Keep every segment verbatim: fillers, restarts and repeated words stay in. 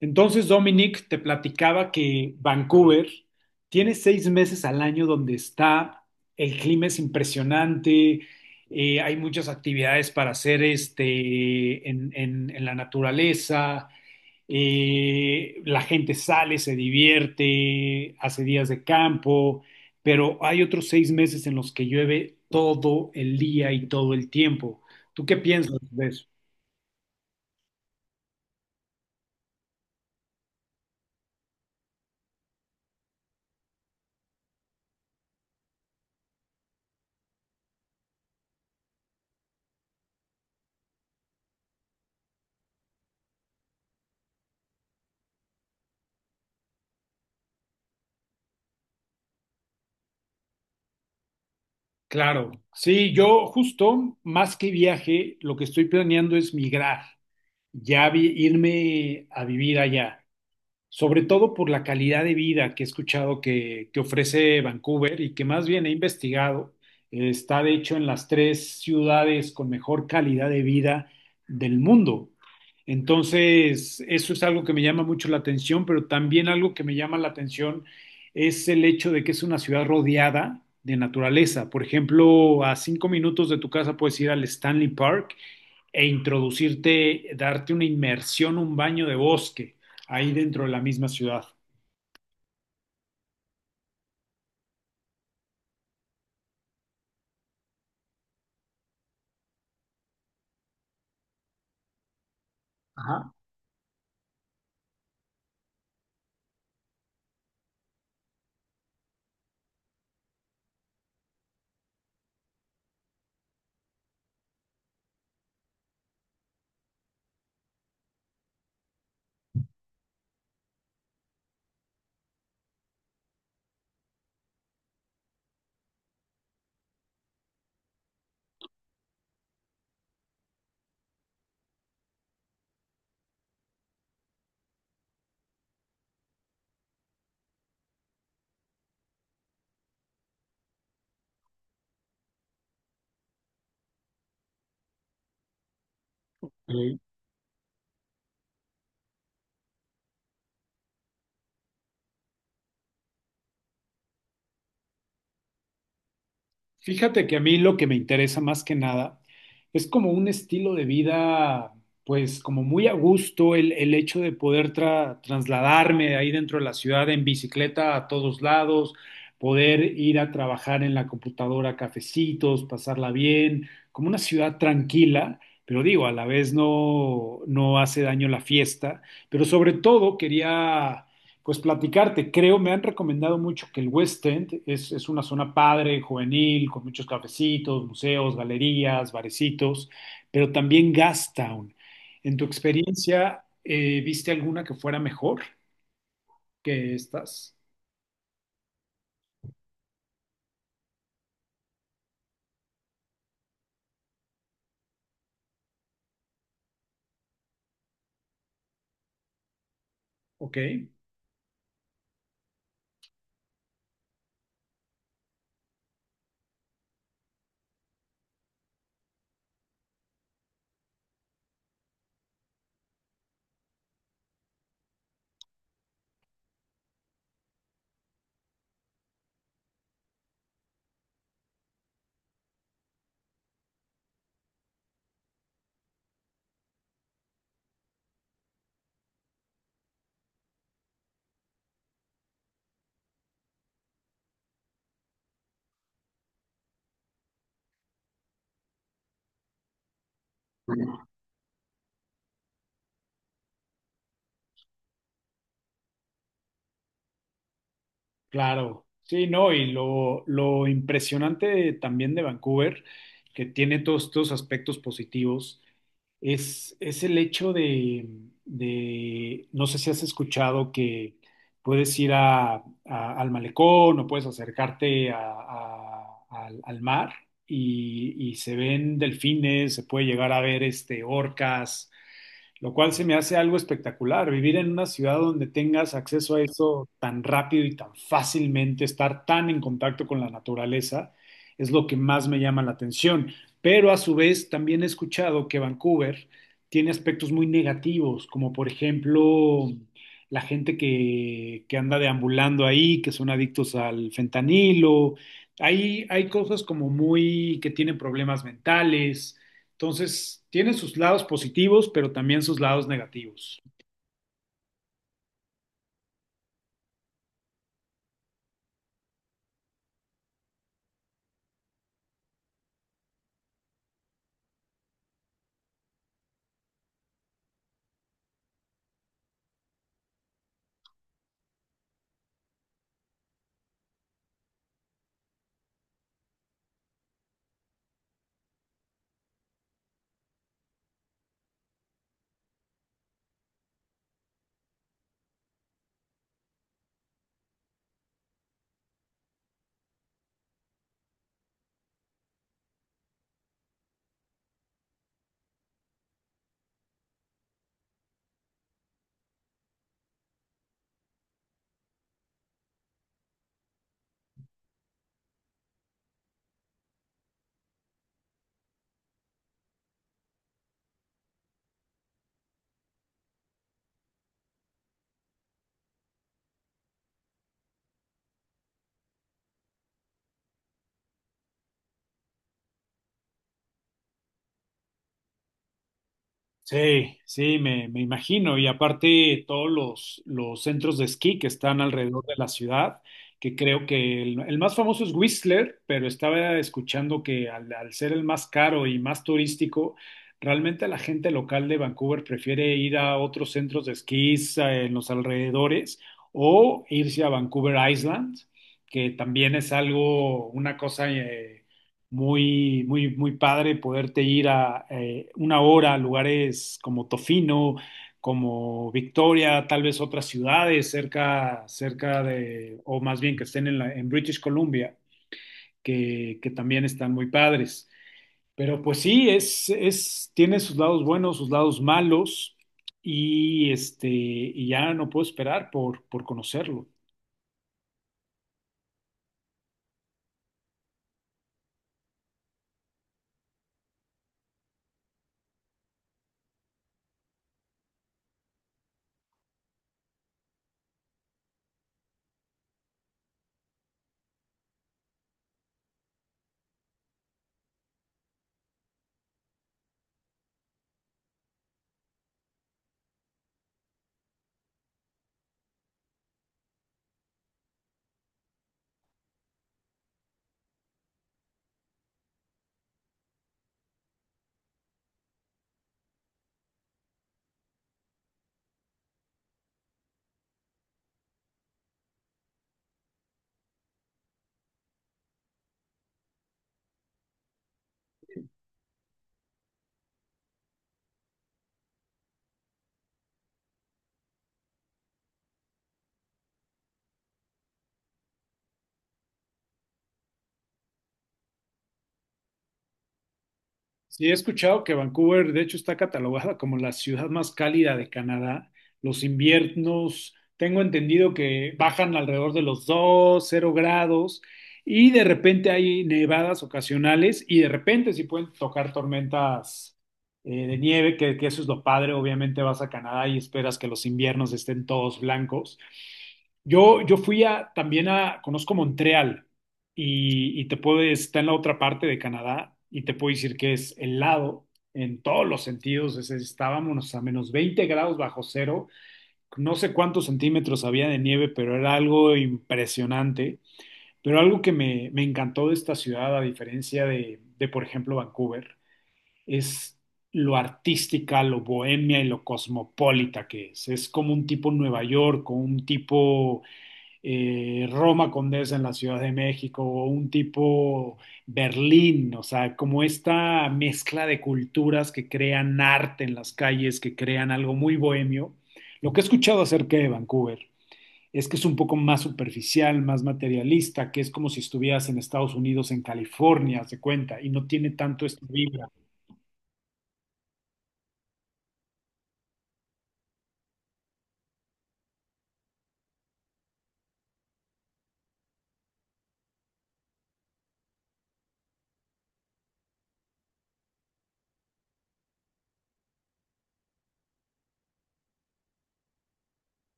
Entonces, Dominic, te platicaba que Vancouver tiene seis meses al año donde está, el clima es impresionante, eh, hay muchas actividades para hacer este, en, en- en la naturaleza, eh, la gente sale, se divierte, hace días de campo, pero hay otros seis meses en los que llueve todo el día y todo el tiempo. ¿Tú qué piensas de eso? Claro, sí, yo justo más que viaje, lo que estoy planeando es migrar, ya vi- irme a vivir allá sobre todo por la calidad de vida que he escuchado que, que ofrece Vancouver y que más bien he investigado. Eh, Está de hecho en las tres ciudades con mejor calidad de vida del mundo. Entonces, eso es algo que me llama mucho la atención, pero también algo que me llama la atención es el hecho de que es una ciudad rodeada de naturaleza. Por ejemplo, a cinco minutos de tu casa puedes ir al Stanley Park e introducirte, darte una inmersión, un baño de bosque ahí dentro de la misma ciudad. Ajá. Eh, Fíjate que a mí lo que me interesa más que nada es como un estilo de vida, pues como muy a gusto, el, el hecho de poder tra- trasladarme de ahí dentro de la ciudad en bicicleta a todos lados, poder ir a trabajar en la computadora, a cafecitos, pasarla bien, como una ciudad tranquila, pero digo, a la vez no, no hace daño la fiesta, pero sobre todo quería pues platicarte. Creo, me han recomendado mucho que el West End es, es una zona padre, juvenil, con muchos cafecitos, museos, galerías, barecitos, pero también Gastown. En tu experiencia, eh, ¿viste alguna que fuera mejor que estas? Ok, claro. Sí, no, y lo, lo impresionante también de Vancouver, que tiene todos estos aspectos positivos, es, es el hecho de, de- no sé si has escuchado que puedes ir a- a- al malecón o puedes acercarte a- a- al, al mar y, y se ven delfines, se puede llegar a ver este, orcas, lo cual se me hace algo espectacular. Vivir en una ciudad donde tengas acceso a eso tan rápido y tan fácilmente, estar tan en contacto con la naturaleza, es lo que más me llama la atención. Pero a su vez también he escuchado que Vancouver tiene aspectos muy negativos, como por ejemplo la gente que, que anda deambulando ahí, que son adictos al fentanilo. Hay, hay cosas como muy que tienen problemas mentales. Entonces, tiene sus lados positivos, pero también sus lados negativos. Sí, sí, me, me imagino. Y aparte, todos los, los centros de esquí que están alrededor de la ciudad, que creo que el, el más famoso es Whistler, pero estaba escuchando que al, al ser el más caro y más turístico, realmente la gente local de Vancouver prefiere ir a otros centros de esquís eh, en los alrededores o irse a Vancouver Island, que también es algo, una cosa, eh, muy, muy, muy padre poderte ir a eh, una hora a lugares como Tofino, como Victoria, tal vez otras ciudades cerca, cerca de, o más bien que estén en, la- en British Columbia, que, que también están muy padres. Pero pues sí, es, es, tiene sus lados buenos, sus lados malos, y este, y ya no puedo esperar por, por conocerlo. Sí, he escuchado que Vancouver, de hecho, está catalogada como la ciudad más cálida de Canadá. Los inviernos, tengo entendido que bajan alrededor de los dos cero grados y de repente hay nevadas ocasionales y de repente sí pueden tocar tormentas eh, de nieve, que, que eso es lo padre. Obviamente vas a Canadá y esperas que los inviernos estén todos blancos. Yo, yo fui a, también a, conozco Montreal y, y te puede, está en la otra parte de Canadá y te puedo decir que es helado en todos los sentidos. Es- estábamos a menos veinte grados bajo cero, no sé cuántos centímetros había de nieve, pero era algo impresionante. Pero algo que me, me encantó de esta ciudad, a diferencia de, de, por ejemplo, Vancouver, es lo artística, lo bohemia y lo cosmopolita que es. Es como un tipo Nueva York, o un tipo eh, Roma Condesa en la Ciudad de México o un tipo Berlín, o sea, como esta mezcla de culturas que crean arte en las calles, que crean algo muy bohemio. Lo que he escuchado acerca de Vancouver es que es un poco más superficial, más materialista, que es como si estuvieras en Estados Unidos, en California, se cuenta, y no tiene tanto esta vibra.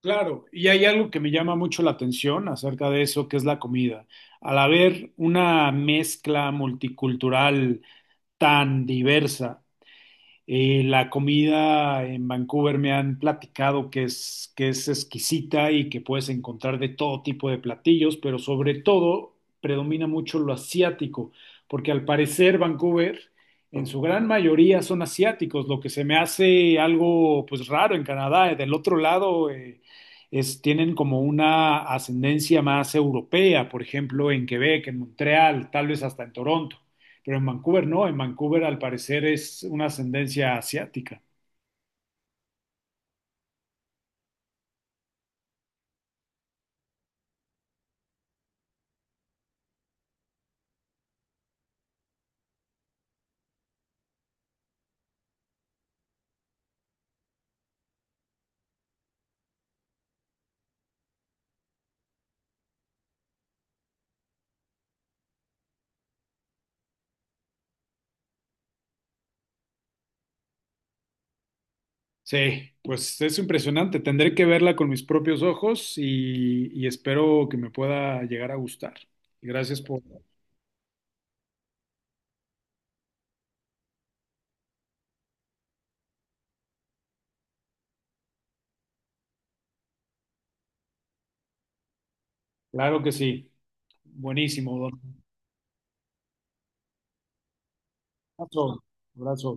Claro, y hay algo que me llama mucho la atención acerca de eso, que es la comida. Al haber una mezcla multicultural, tan diversa. Eh, la comida en Vancouver me han platicado que es, que es exquisita y que puedes encontrar de todo tipo de platillos, pero sobre todo predomina mucho lo asiático, porque al parecer Vancouver en su gran mayoría son asiáticos, lo que se me hace algo pues raro en Canadá. Del otro lado eh, es, tienen como una ascendencia más europea, por ejemplo en Quebec, en Montreal, tal vez hasta en Toronto, pero en Vancouver no, en Vancouver al parecer es una ascendencia asiática. Sí, pues es impresionante, tendré que verla con mis propios ojos y, y espero que me pueda llegar a gustar. Gracias por... Claro que sí, buenísimo, don. Abrazo, abrazo.